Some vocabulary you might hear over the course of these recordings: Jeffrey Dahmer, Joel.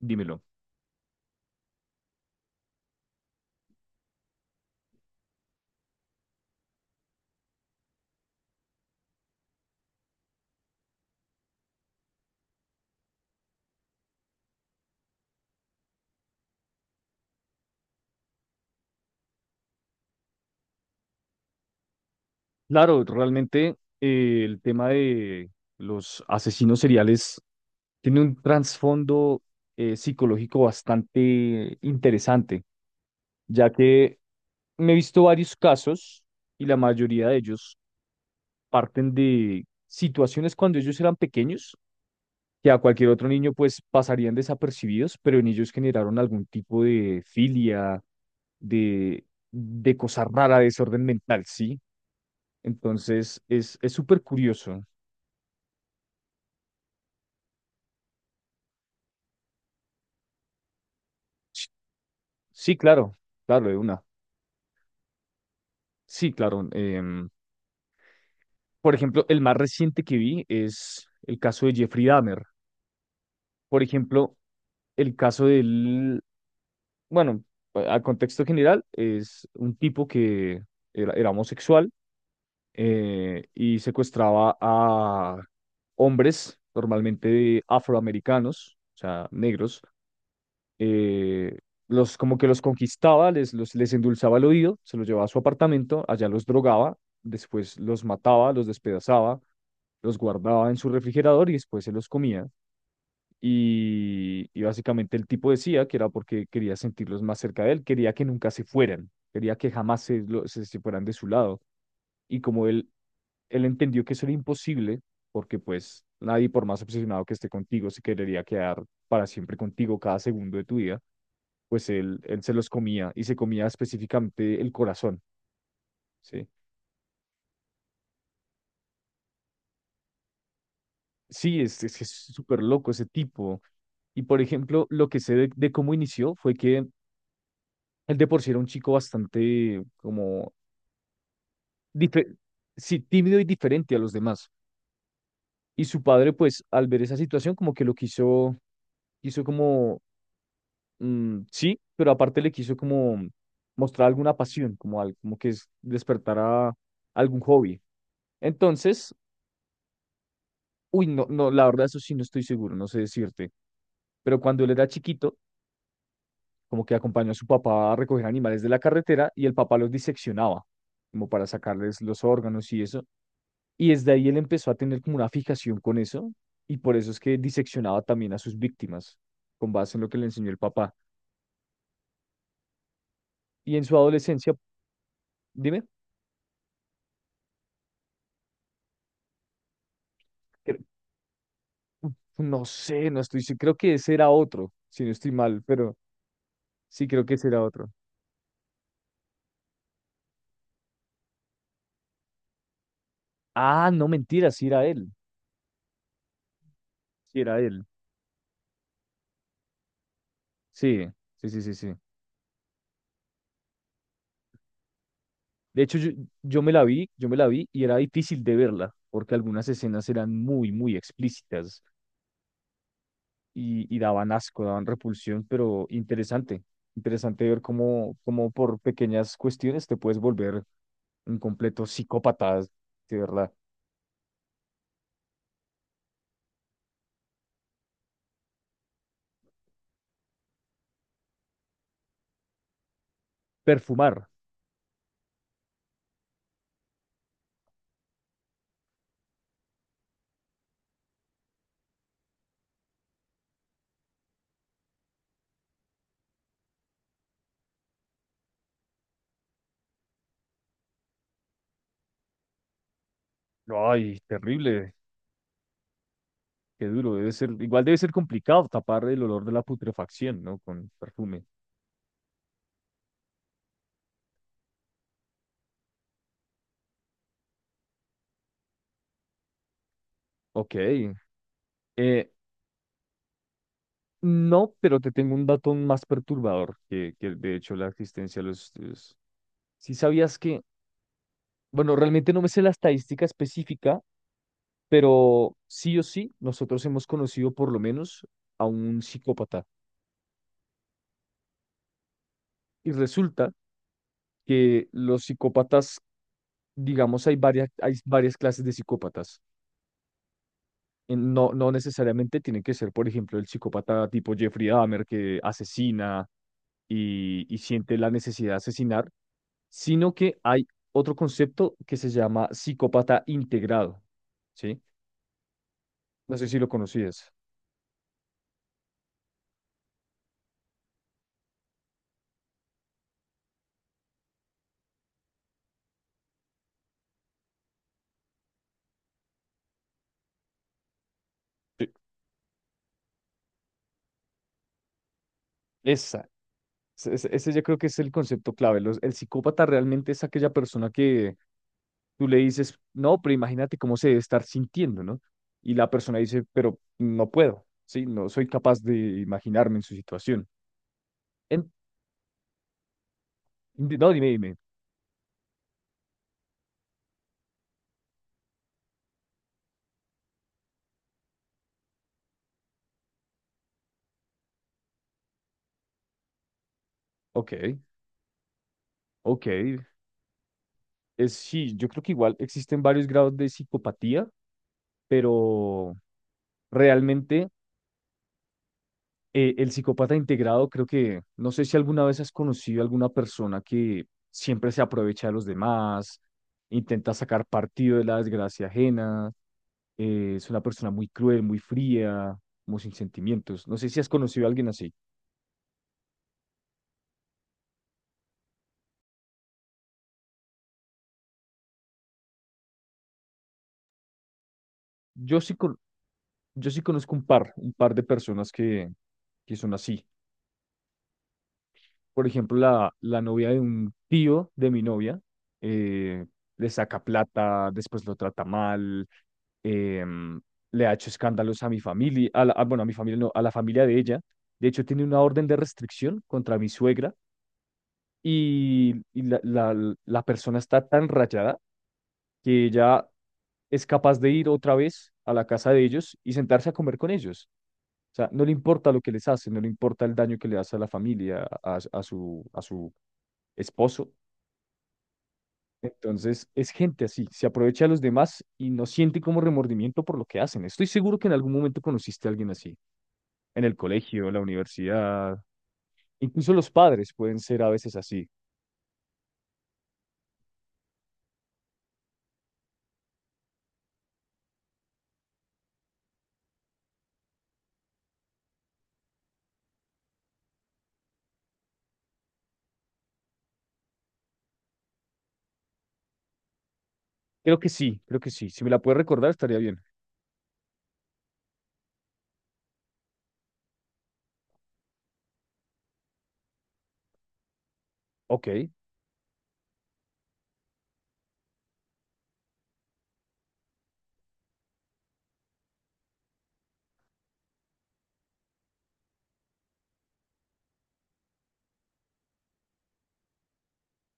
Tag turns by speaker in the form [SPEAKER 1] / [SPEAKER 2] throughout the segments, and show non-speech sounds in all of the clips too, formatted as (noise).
[SPEAKER 1] Dímelo. Claro, realmente el tema de los asesinos seriales tiene un trasfondo psicológico bastante interesante, ya que me he visto varios casos y la mayoría de ellos parten de situaciones cuando ellos eran pequeños, que a cualquier otro niño pues pasarían desapercibidos, pero en ellos generaron algún tipo de filia, de, de cosa rara, desorden mental, ¿sí? Entonces es súper curioso. Sí, claro, claro, de una. Sí, claro. Por ejemplo, el más reciente que vi es el caso de Jeffrey Dahmer. Por ejemplo, el caso del, bueno, a contexto general, es un tipo que era homosexual, y secuestraba a hombres, normalmente afroamericanos, o sea, negros, eh, los, como que los conquistaba, les endulzaba el oído, se los llevaba a su apartamento, allá los drogaba, después los mataba, los despedazaba, los guardaba en su refrigerador y después se los comía. Y básicamente el tipo decía que era porque quería sentirlos más cerca de él, quería que nunca se fueran, quería que jamás se fueran de su lado. Y como él entendió que eso era imposible, porque pues nadie, por más obsesionado que esté contigo, se querería quedar para siempre contigo cada segundo de tu vida, pues él se los comía y se comía específicamente el corazón, ¿sí? Sí, es que es súper loco ese tipo. Y por ejemplo, lo que sé de cómo inició fue que él de por sí era un chico bastante como, dife- sí, tímido y diferente a los demás. Y su padre, pues, al ver esa situación, como que lo quiso, quiso como, sí, pero aparte le quiso como mostrar alguna pasión, como, como que es despertar a algún hobby. Entonces, uy, no, no, la verdad, eso sí no estoy seguro, no sé decirte. Pero cuando él era chiquito, como que acompañó a su papá a recoger animales de la carretera y el papá los diseccionaba, como para sacarles los órganos y eso. Y desde ahí él empezó a tener como una fijación con eso, y por eso es que diseccionaba también a sus víctimas, con base en lo que le enseñó el papá. Y en su adolescencia, dime, cre- no sé, no estoy, se- creo que ese era otro, si no estoy mal, pero sí creo que ese era otro. Ah, no, mentira, sí era él, sí era él. Sí, sí, sí, sí, sí. De hecho, yo me la vi, yo me la vi y era difícil de verla, porque algunas escenas eran muy, muy explícitas y daban asco, daban repulsión, pero interesante, interesante ver cómo, cómo por pequeñas cuestiones te puedes volver un completo psicópata, de verdad. Perfumar. Ay, terrible, qué duro. Debe ser, igual debe ser complicado tapar el olor de la putrefacción, ¿no? Con perfume. Ok. Eh, No, pero te tengo un dato aún más perturbador que de hecho la existencia de los estudios. Si sabías que, bueno, realmente no me sé la estadística específica, pero sí o sí, nosotros hemos conocido por lo menos a un psicópata. Y resulta que los psicópatas, digamos, hay varias clases de psicópatas. No, no necesariamente tienen que ser, por ejemplo, el psicópata tipo Jeffrey Dahmer que asesina y siente la necesidad de asesinar, sino que hay otro concepto que se llama psicópata integrado, ¿sí? No sé si lo conocías. Sí. Esa, Ese yo creo que es el concepto clave. El psicópata realmente es aquella persona que tú le dices, no, pero imagínate cómo se debe estar sintiendo, ¿no? Y la persona dice, pero no puedo, ¿sí? No soy capaz de imaginarme en su situación. En- no, dime, dime. Ok, ok. Sí, yo creo que igual existen varios grados de psicopatía, pero realmente el psicópata integrado, creo que, no sé si alguna vez has conocido a alguna persona que siempre se aprovecha de los demás, intenta sacar partido de la desgracia ajena, es una persona muy cruel, muy fría, muy sin sentimientos. No sé si has conocido a alguien así. Yo sí, con- yo sí conozco un par de personas que son así. Por ejemplo, la novia de un tío de mi novia, eh, le saca plata, después lo trata mal, em, le ha hecho escándalos a mi familia, bueno, a mi familia no, a la familia de ella. De hecho, tiene una orden de restricción contra mi suegra y la persona está tan rayada que ella es capaz de ir otra vez a la casa de ellos y sentarse a comer con ellos. O sea, no le importa lo que les hace, no le importa el daño que le hace a la familia, a su esposo. Entonces, es gente así, se aprovecha de los demás y no siente como remordimiento por lo que hacen. Estoy seguro que en algún momento conociste a alguien así. En el colegio, la universidad, incluso los padres pueden ser a veces así. Creo que sí, creo que sí. Si me la puedes recordar, estaría bien. Ok,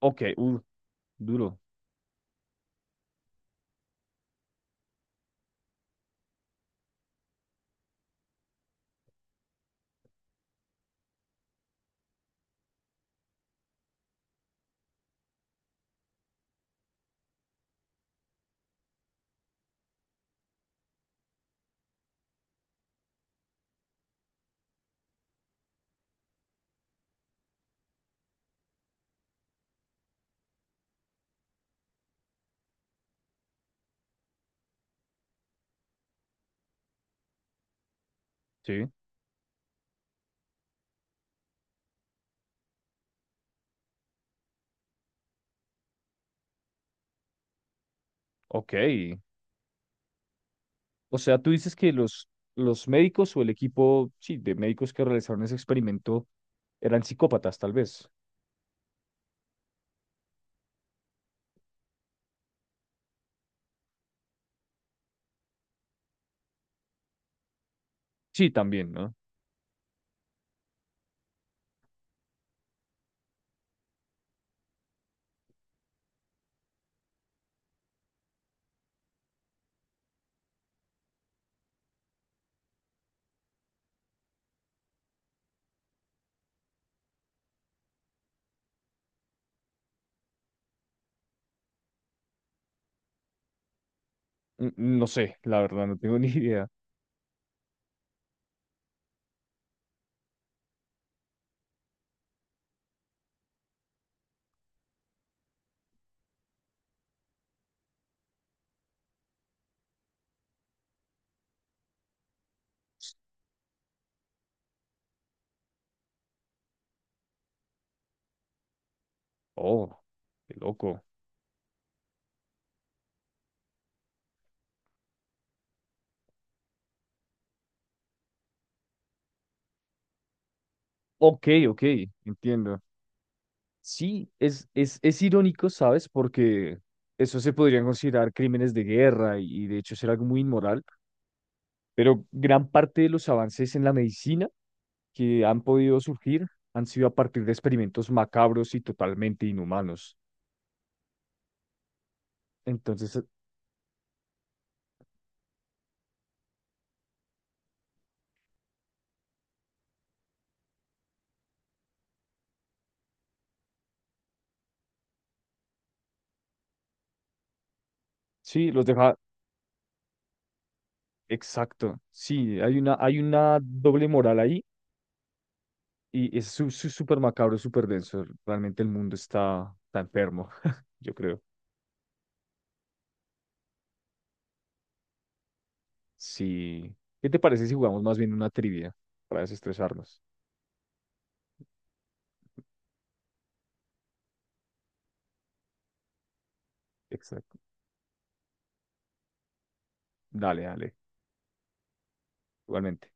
[SPEAKER 1] ok, duro, sí, ok. O sea, tú dices que los médicos o el equipo, sí, de médicos que realizaron ese experimento eran psicópatas, tal vez. Sí, también, ¿no? N- No sé, la verdad, no tengo (laughs) ni idea. Oh, qué loco. Ok, ok, entiendo. Sí, es irónico, ¿sabes? Porque eso se podrían considerar crímenes de guerra y de hecho ser algo muy inmoral, pero gran parte de los avances en la medicina que han podido surgir han sido a partir de experimentos macabros y totalmente inhumanos. Entonces, sí, los deja, exacto, sí, hay una doble moral ahí y es súper macabro, súper denso. Realmente el mundo está enfermo, (laughs) yo creo. Sí. ¿Qué te parece si jugamos más bien una trivia para desestresarnos? Exacto. Dale, dale. Igualmente.